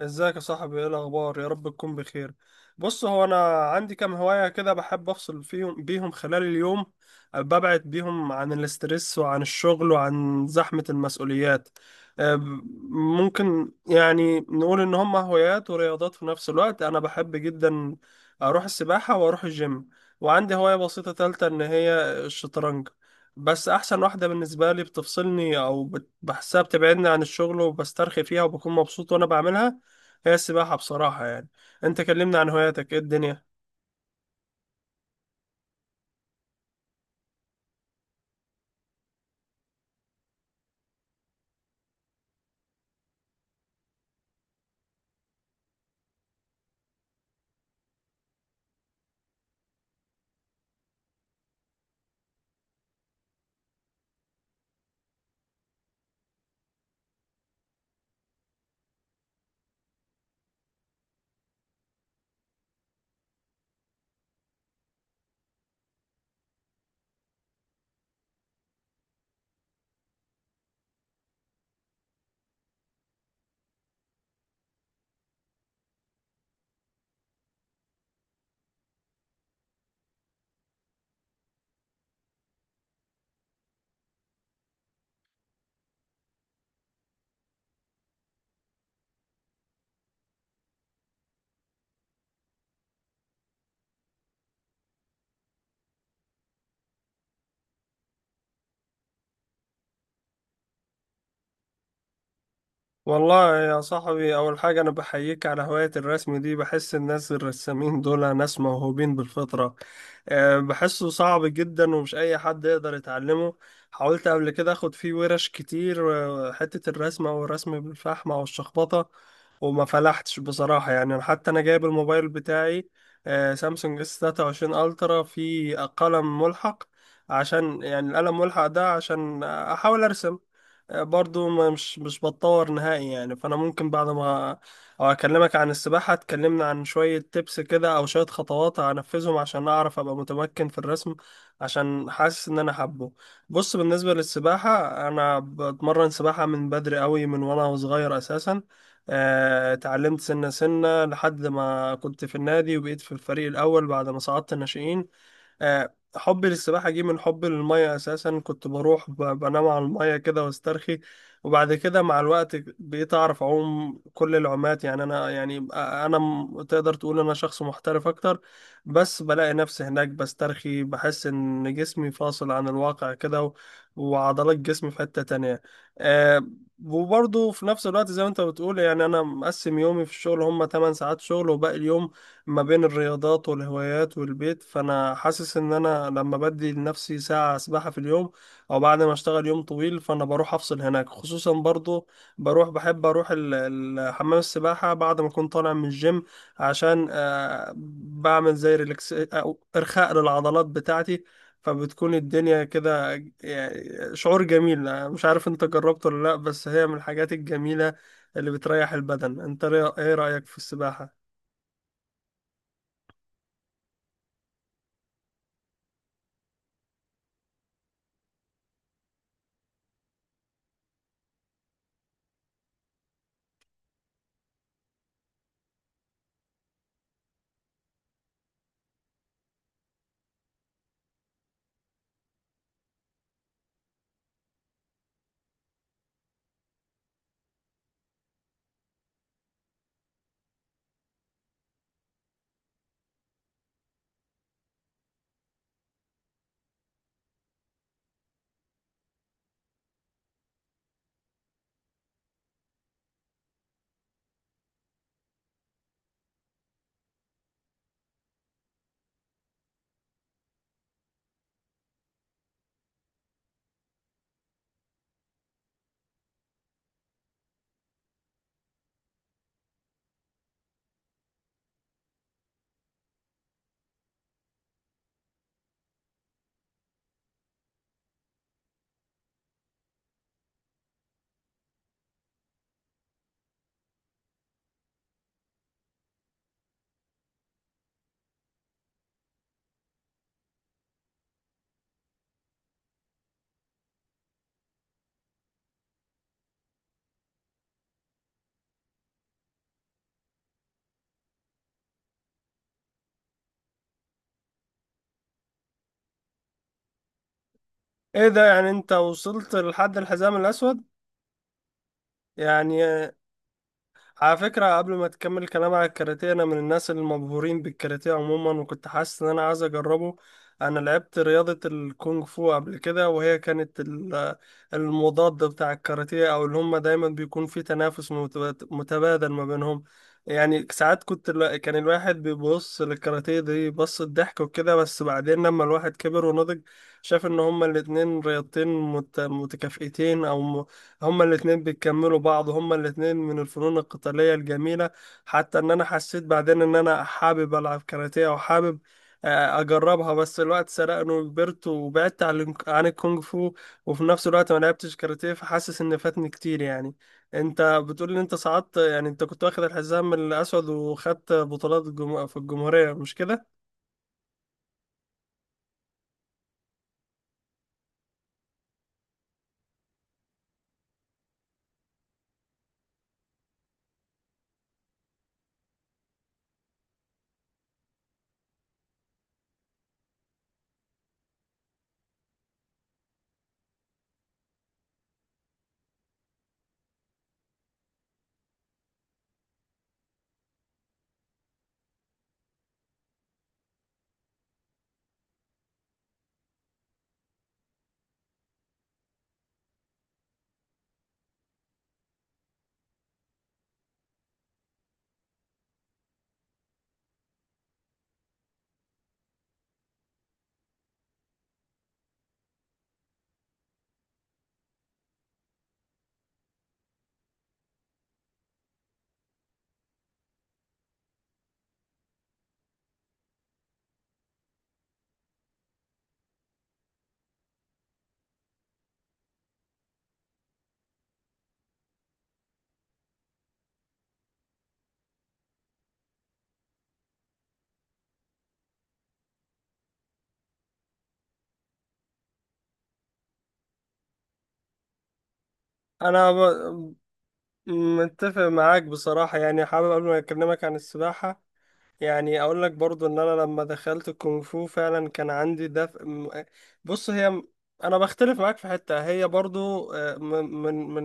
ازيك يا صاحبي؟ ايه الاخبار؟ يا رب تكون بخير. بص، هو انا عندي كام هواية كده بحب افصل بيهم خلال اليوم، ببعد بيهم عن الاسترس وعن الشغل وعن زحمة المسؤوليات. أه، ممكن يعني نقول ان هم هوايات ورياضات في نفس الوقت. انا بحب جدا اروح السباحة واروح الجيم، وعندي هواية بسيطة تالتة ان هي الشطرنج. بس احسن واحده بالنسبه لي بتفصلني او بحسها بتبعدني عن الشغل وبسترخي فيها وبكون مبسوط وانا بعملها، هي السباحة بصراحة يعني. انت كلمنا عن هواياتك، ايه الدنيا؟ والله يا صاحبي، اول حاجة انا بحييك على هواية الرسم دي. بحس الناس الرسامين دول ناس موهوبين بالفطرة. بحسه صعب جدا ومش اي حد يقدر يتعلمه. حاولت قبل كده اخد فيه ورش كتير، حتة الرسمة والرسم بالفحمة والشخبطة، وما فلحتش بصراحة. يعني أنا حتى أنا جايب الموبايل بتاعي، سامسونج اس 23 ألترا، في قلم ملحق عشان، يعني القلم ملحق ده عشان أحاول أرسم، برضو مش بتطور نهائي يعني. فانا ممكن بعد ما او اكلمك عن السباحة تكلمنا عن شوية تبس كده او شوية خطوات هنفذهم عشان اعرف ابقى متمكن في الرسم، عشان حاسس ان انا حابه. بص بالنسبة للسباحة، انا بتمرن سباحة من بدري قوي، من وانا صغير اساسا. اتعلمت سنة سنة لحد ما كنت في النادي وبقيت في الفريق الأول بعد ما صعدت الناشئين. حبي للسباحة جه من حبي للمية أساسا. كنت بروح بنام على المية كده واسترخي، وبعد كده مع الوقت بقيت أعرف أعوم كل العومات. يعني أنا يعني أنا تقدر تقول أنا شخص محترف أكتر. بس بلاقي نفسي هناك بسترخي، بحس إن جسمي فاصل عن الواقع كده وعضلات جسمي في حتة تانية. آه، وبرضه في نفس الوقت زي ما أنت بتقول، يعني أنا مقسم يومي في الشغل، هما 8 ساعات شغل وباقي اليوم ما بين الرياضات والهوايات والبيت. فانا حاسس ان انا لما بدي لنفسي ساعة سباحة في اليوم او بعد ما اشتغل يوم طويل، فانا بروح افصل هناك. خصوصا برضو بروح، بحب اروح حمام السباحة بعد ما اكون طالع من الجيم، عشان بعمل زي ريلاكس او ارخاء للعضلات بتاعتي، فبتكون الدنيا كده يعني شعور جميل. مش عارف انت جربته ولا لا، بس هي من الحاجات الجميلة اللي بتريح البدن. انت ايه رأيك في السباحة؟ ايه ده؟ يعني انت وصلت لحد الحزام الاسود؟ يعني على فكرة قبل ما تكمل الكلام على الكاراتيه، أنا من الناس المبهورين بالكاراتيه عموما، وكنت حاسس إن أنا عايز أجربه. أنا لعبت رياضة الكونغ فو قبل كده، وهي كانت المضاد بتاع الكاراتيه، أو اللي هما دايما بيكون في تنافس متبادل ما بينهم. يعني ساعات كنت كان الواحد بيبص للكاراتيه دي بص الضحك وكده، بس بعدين لما الواحد كبر ونضج شاف إن هما الاتنين رياضتين متكافئتين، أو هما الاتنين بيكملوا بعض، هما الاتنين من الفنون القتالية الجميلة. حتى ان انا حسيت بعدين ان انا حابب العب كاراتيه وحابب اجربها، بس الوقت سرقني وكبرت وبعدت عن عن الكونغ فو، وفي نفس الوقت ما لعبتش كاراتيه، فحاسس ان فاتني كتير يعني. انت بتقول ان انت صعدت، يعني انت كنت واخد الحزام الاسود وخدت بطولات في الجمهورية مش كده؟ انا متفق معاك بصراحة يعني. حابب قبل ما اكلمك عن السباحة، يعني اقول لك برضو ان انا لما دخلت الكونغ فو فعلا كان عندي دفء بص هي انا بختلف معاك في حتة. هي برضو من من من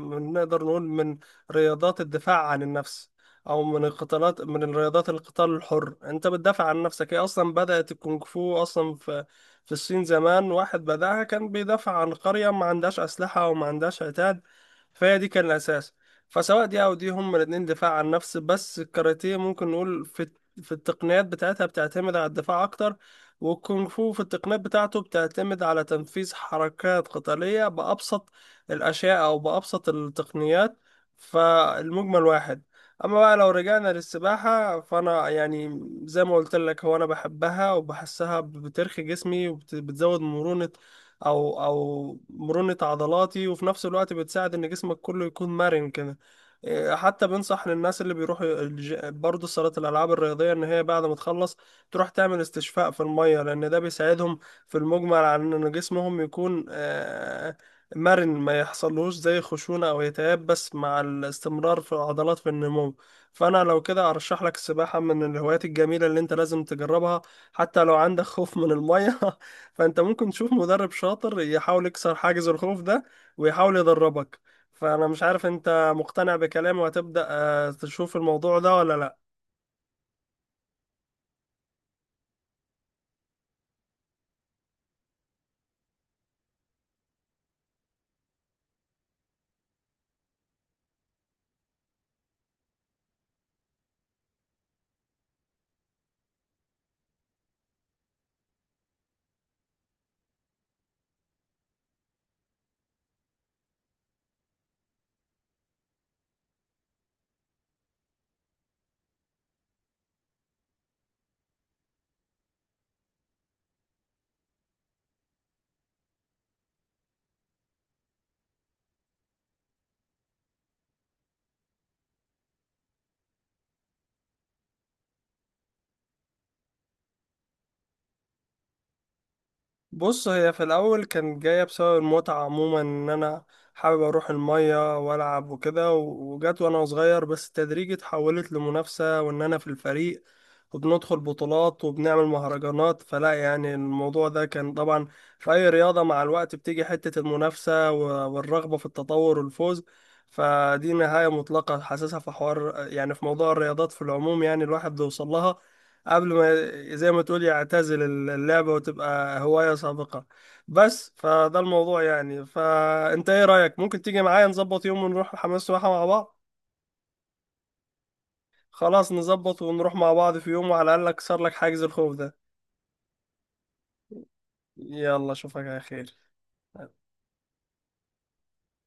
من نقدر نقول من رياضات الدفاع عن النفس، او من القتالات، من الرياضات القتال الحر. انت بتدافع عن نفسك. هي اصلا بدأت الكونغ فو اصلا في الصين زمان، واحد بدأها كان بيدافع عن قرية ما عندهاش اسلحة وما عندهاش عتاد، فهي دي كان الاساس. فسواء دي او دي هما الاتنين دفاع عن النفس. بس الكاراتيه ممكن نقول في في التقنيات بتاعتها بتعتمد على الدفاع اكتر، والكونغ فو في التقنيات بتاعته بتعتمد على تنفيذ حركات قتالية بأبسط الأشياء أو بأبسط التقنيات. فالمجمل واحد. أما بقى لو رجعنا للسباحة، فأنا يعني زي ما قلت لك، هو أنا بحبها وبحسها بترخي جسمي وبتزود مرونة، أو مرونة عضلاتي، وفي نفس الوقت بتساعد إن جسمك كله يكون مرن كده. حتى بنصح للناس اللي بيروحوا برضه صالة الألعاب الرياضية إن هي بعد ما تخلص تروح تعمل استشفاء في المية، لأن ده بيساعدهم في المجمل على إن جسمهم يكون مرن، ما يحصلوش زي خشونة أو يتياب بس مع الاستمرار في العضلات في النمو. فأنا لو كده أرشح لك السباحة من الهوايات الجميلة اللي أنت لازم تجربها، حتى لو عندك خوف من المية فأنت ممكن تشوف مدرب شاطر يحاول يكسر حاجز الخوف ده ويحاول يدربك. فأنا مش عارف أنت مقتنع بكلامي وهتبدأ تشوف الموضوع ده ولا لا؟ بص هي في الأول كانت جاية بسبب المتعة عموما، إن أنا حابب أروح المية وألعب وكده وجت وأنا صغير، بس تدريجي اتحولت لمنافسة وإن أنا في الفريق وبندخل بطولات وبنعمل مهرجانات. فلا يعني الموضوع ده كان طبعا في أي رياضة مع الوقت بتيجي حتة المنافسة والرغبة في التطور والفوز. فدي نهاية مطلقة حاسسها في حوار يعني في موضوع الرياضات في العموم، يعني الواحد بيوصل لها قبل ما، زي ما تقول، يعتزل اللعبة وتبقى هواية سابقة. بس فده الموضوع يعني. فأنت إيه رأيك؟ ممكن تيجي معايا نظبط يوم ونروح حمام السباحة مع بعض؟ خلاص، نظبط ونروح مع بعض في يوم، وعلى الأقل أكسر لك حاجز الخوف ده. يلا أشوفك على خير.